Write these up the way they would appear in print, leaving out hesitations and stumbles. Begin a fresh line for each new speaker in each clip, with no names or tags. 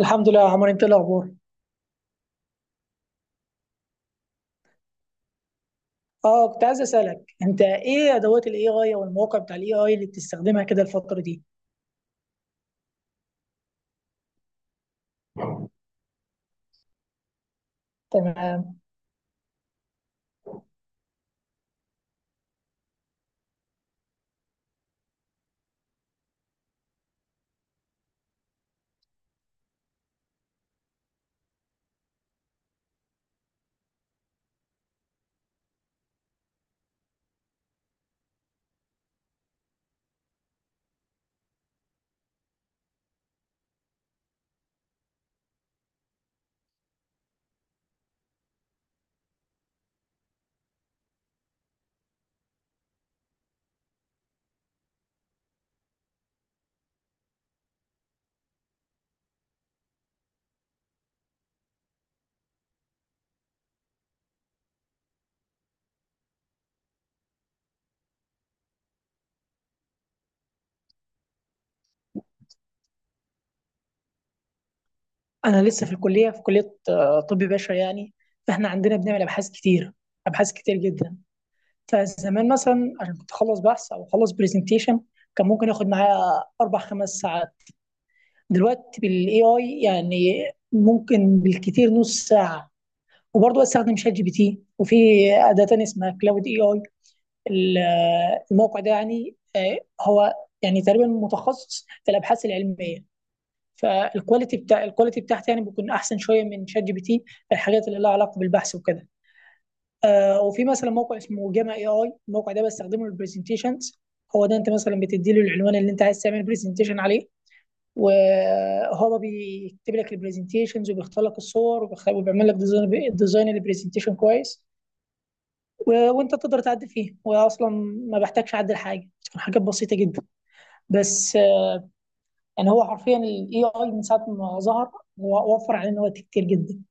الحمد لله يا عمر، انت ايه الاخبار؟ اه كنت عايز اسالك، انت ايه ادوات الاي اي او المواقع بتاع الاي اي اللي بتستخدمها كده الفتره دي؟ تمام. انا لسه في الكليه، في كليه طب بشري يعني. فاحنا عندنا بنعمل ابحاث كتير، ابحاث كتير جدا. فزمان مثلا عشان كنت اخلص بحث او اخلص برزنتيشن كان ممكن ياخد معايا 4 5 ساعات. دلوقتي بالاي اي يعني ممكن بالكتير نص ساعه. وبرضه استخدم شات جي بي تي، وفي اداه تانية اسمها كلاود اي اي. ال- الموقع ده يعني هو يعني تقريبا متخصص في الابحاث العلميه. فالكواليتي بتاع الكواليتي بتاعته يعني بيكون احسن شويه من شات جي بي تي في الحاجات اللي لها علاقه بالبحث وكده. وفي مثلا موقع اسمه جاما اي اي، الموقع ده بستخدمه للبرزنتيشنز. هو ده انت مثلا بتدي له العنوان اللي انت عايز تعمل برزنتيشن عليه، وهو بيكتب لك البرزنتيشنز وبيختار لك الصور وبيعمل لك ديزاين البرزنتيشن كويس. وانت تقدر تعدي فيه، واصلا ما بحتاجش اعدل حاجه، بتكون حاجات بسيطه جدا. بس يعني هو حرفيا الاي اي من ساعه ما ظهر هو وفر علينا وقت كتير جدا.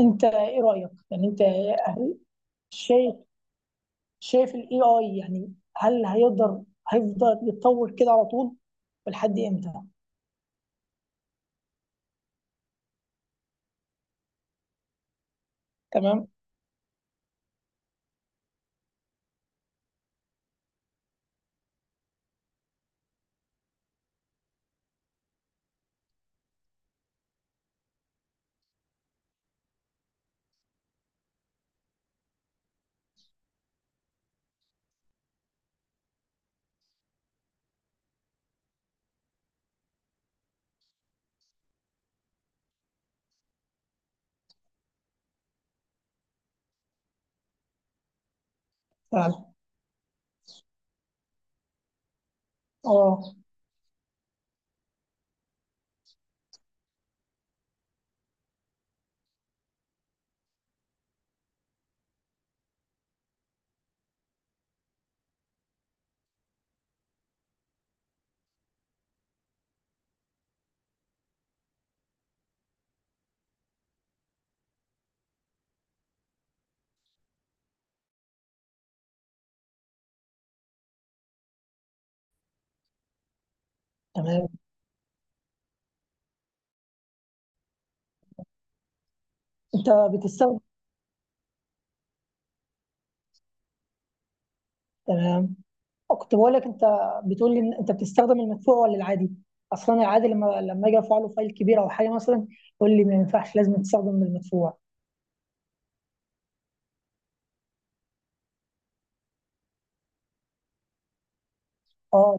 انت ايه رايك يعني؟ انت هل- شايف، شايف الاي اي يعني هل هيقدر هيفضل يتطور كده على طول؟ ولحد امتى؟ تمام. فعلا. اه. تمام، انت بتستخدم. تمام، كنت بقول لك، انت بتقول لي ان انت بتستخدم المدفوع ولا العادي؟ اصلا العادي، لما اجي ارفع له فايل كبير او حاجه مثلا، يقول لي ما ينفعش، لازم تستخدم المدفوع. اه.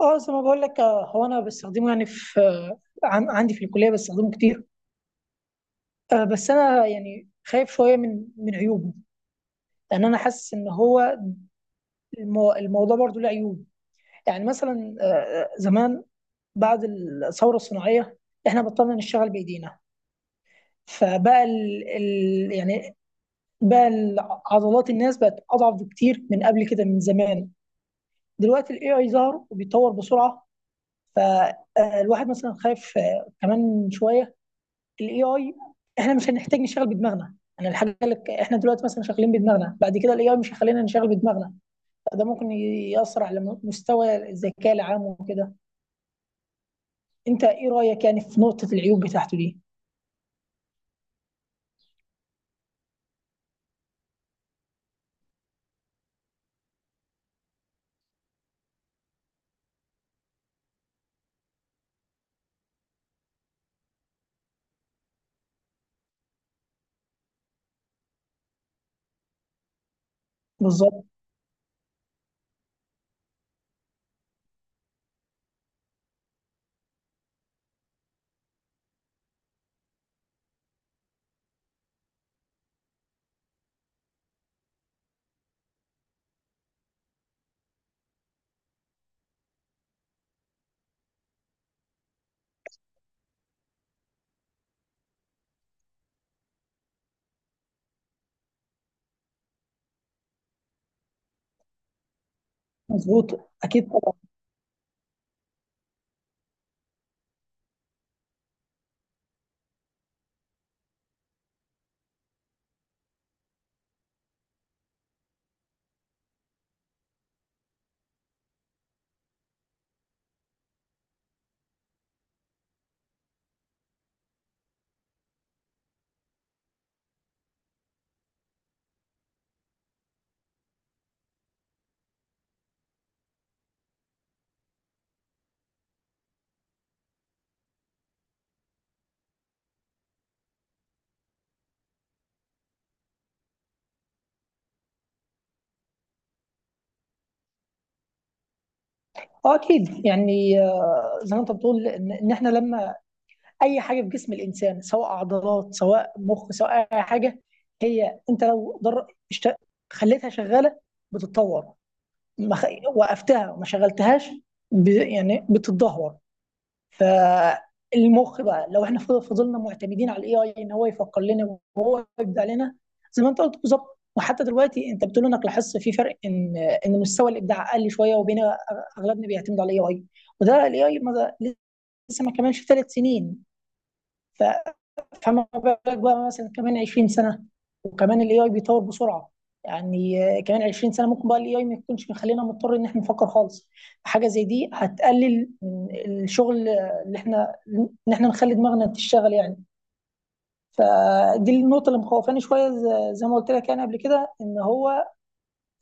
اه زي ما بقول لك، هو انا بستخدمه يعني في عندي في الكليه بستخدمه كتير. بس انا يعني خايف شويه من عيوبه، لان انا حاسس ان هو الموضوع برضه له عيوب. يعني مثلا زمان بعد الثوره الصناعيه احنا بطلنا نشتغل بايدينا، فبقى ال يعني، بقى ال- عضلات الناس بقت اضعف بكتير من قبل كده من زمان. دلوقتي الاي اي ظهر وبيتطور بسرعه، فالواحد مثلا خايف كمان شويه الاي اي احنا مش هنحتاج نشتغل بدماغنا. انا الحاجه اللي احنا دلوقتي مثلا شغالين بدماغنا، بعد كده الاي اي مش هيخلينا نشتغل بدماغنا. ده ممكن ياثر على مستوى الذكاء العام وكده. انت ايه رايك يعني في نقطه العيوب بتاعته دي؟ بالظبط. مظبوط، اكيد طبعا. اه اكيد يعني، زي ما انت بتقول ان احنا لما اي حاجه في جسم الانسان، سواء عضلات سواء مخ سواء اي حاجه، هي انت لو خليتها شغاله بتتطور، ما خ... وقفتها وما شغلتهاش يعني بتتدهور. فالمخ بقى لو احنا فضلنا معتمدين على الاي اي ان هو يفكر لنا وهو يبدع لنا، زي ما انت قلت بالظبط. وحتى دلوقتي انت بتقول انك لاحظت في فرق ان مستوى الابداع قل شويه، وبين اغلبنا بيعتمد على الاي اي، وده الاي اي لسه ما كملش 3 سنين. ف فما بالك بقى مثلا كمان 20 سنه، وكمان الاي اي بيتطور بسرعه. يعني كمان 20 سنه ممكن بقى الاي اي ما يكونش مخلينا مضطر ان احنا نفكر خالص. حاجه زي دي هتقلل من الشغل اللي احنا ان احنا نخلي دماغنا تشتغل يعني. فدي النقطه اللي مخوفاني شويه، زي ما قلت لك يعني قبل كده، ان هو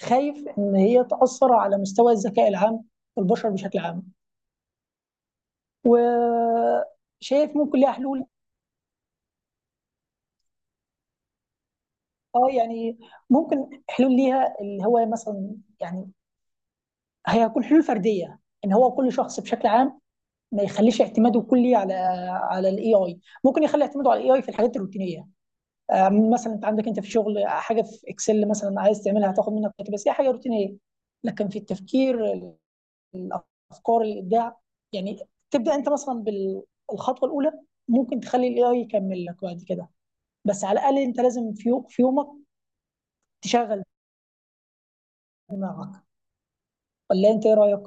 خايف ان هي تاثر على مستوى الذكاء العام والبشر بشكل عام. وشايف ممكن ليها حلول؟ اه يعني ممكن حلول ليها، اللي هو مثلا يعني هي هتكون حلول فرديه، ان هو كل شخص بشكل عام ما يخليش اعتماده كلي على الاي اي. ممكن يخلي اعتماده على الاي اي في الحاجات الروتينيه، مثلا انت عندك انت في شغل حاجه في اكسل مثلا عايز تعملها هتاخد منك وقت، بس هي حاجه روتينيه. لكن في التفكير، الافكار، الابداع، يعني تبدا انت مثلا بالخطوه الاولى، ممكن تخلي الاي اي يكمل لك بعد كده. بس على الاقل انت لازم في في يومك تشغل دماغك. ولا انت ايه رايك؟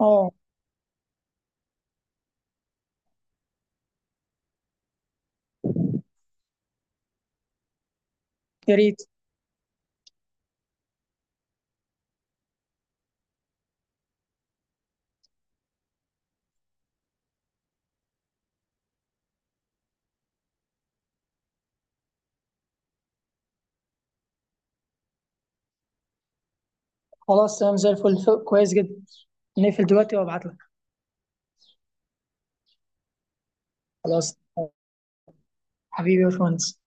اه. يا ريت. خلاص تمام، زي الفل، كويس جدا. نقفل دلوقتي وابعت لك. خلاص. حبيبي يا باشمهندس.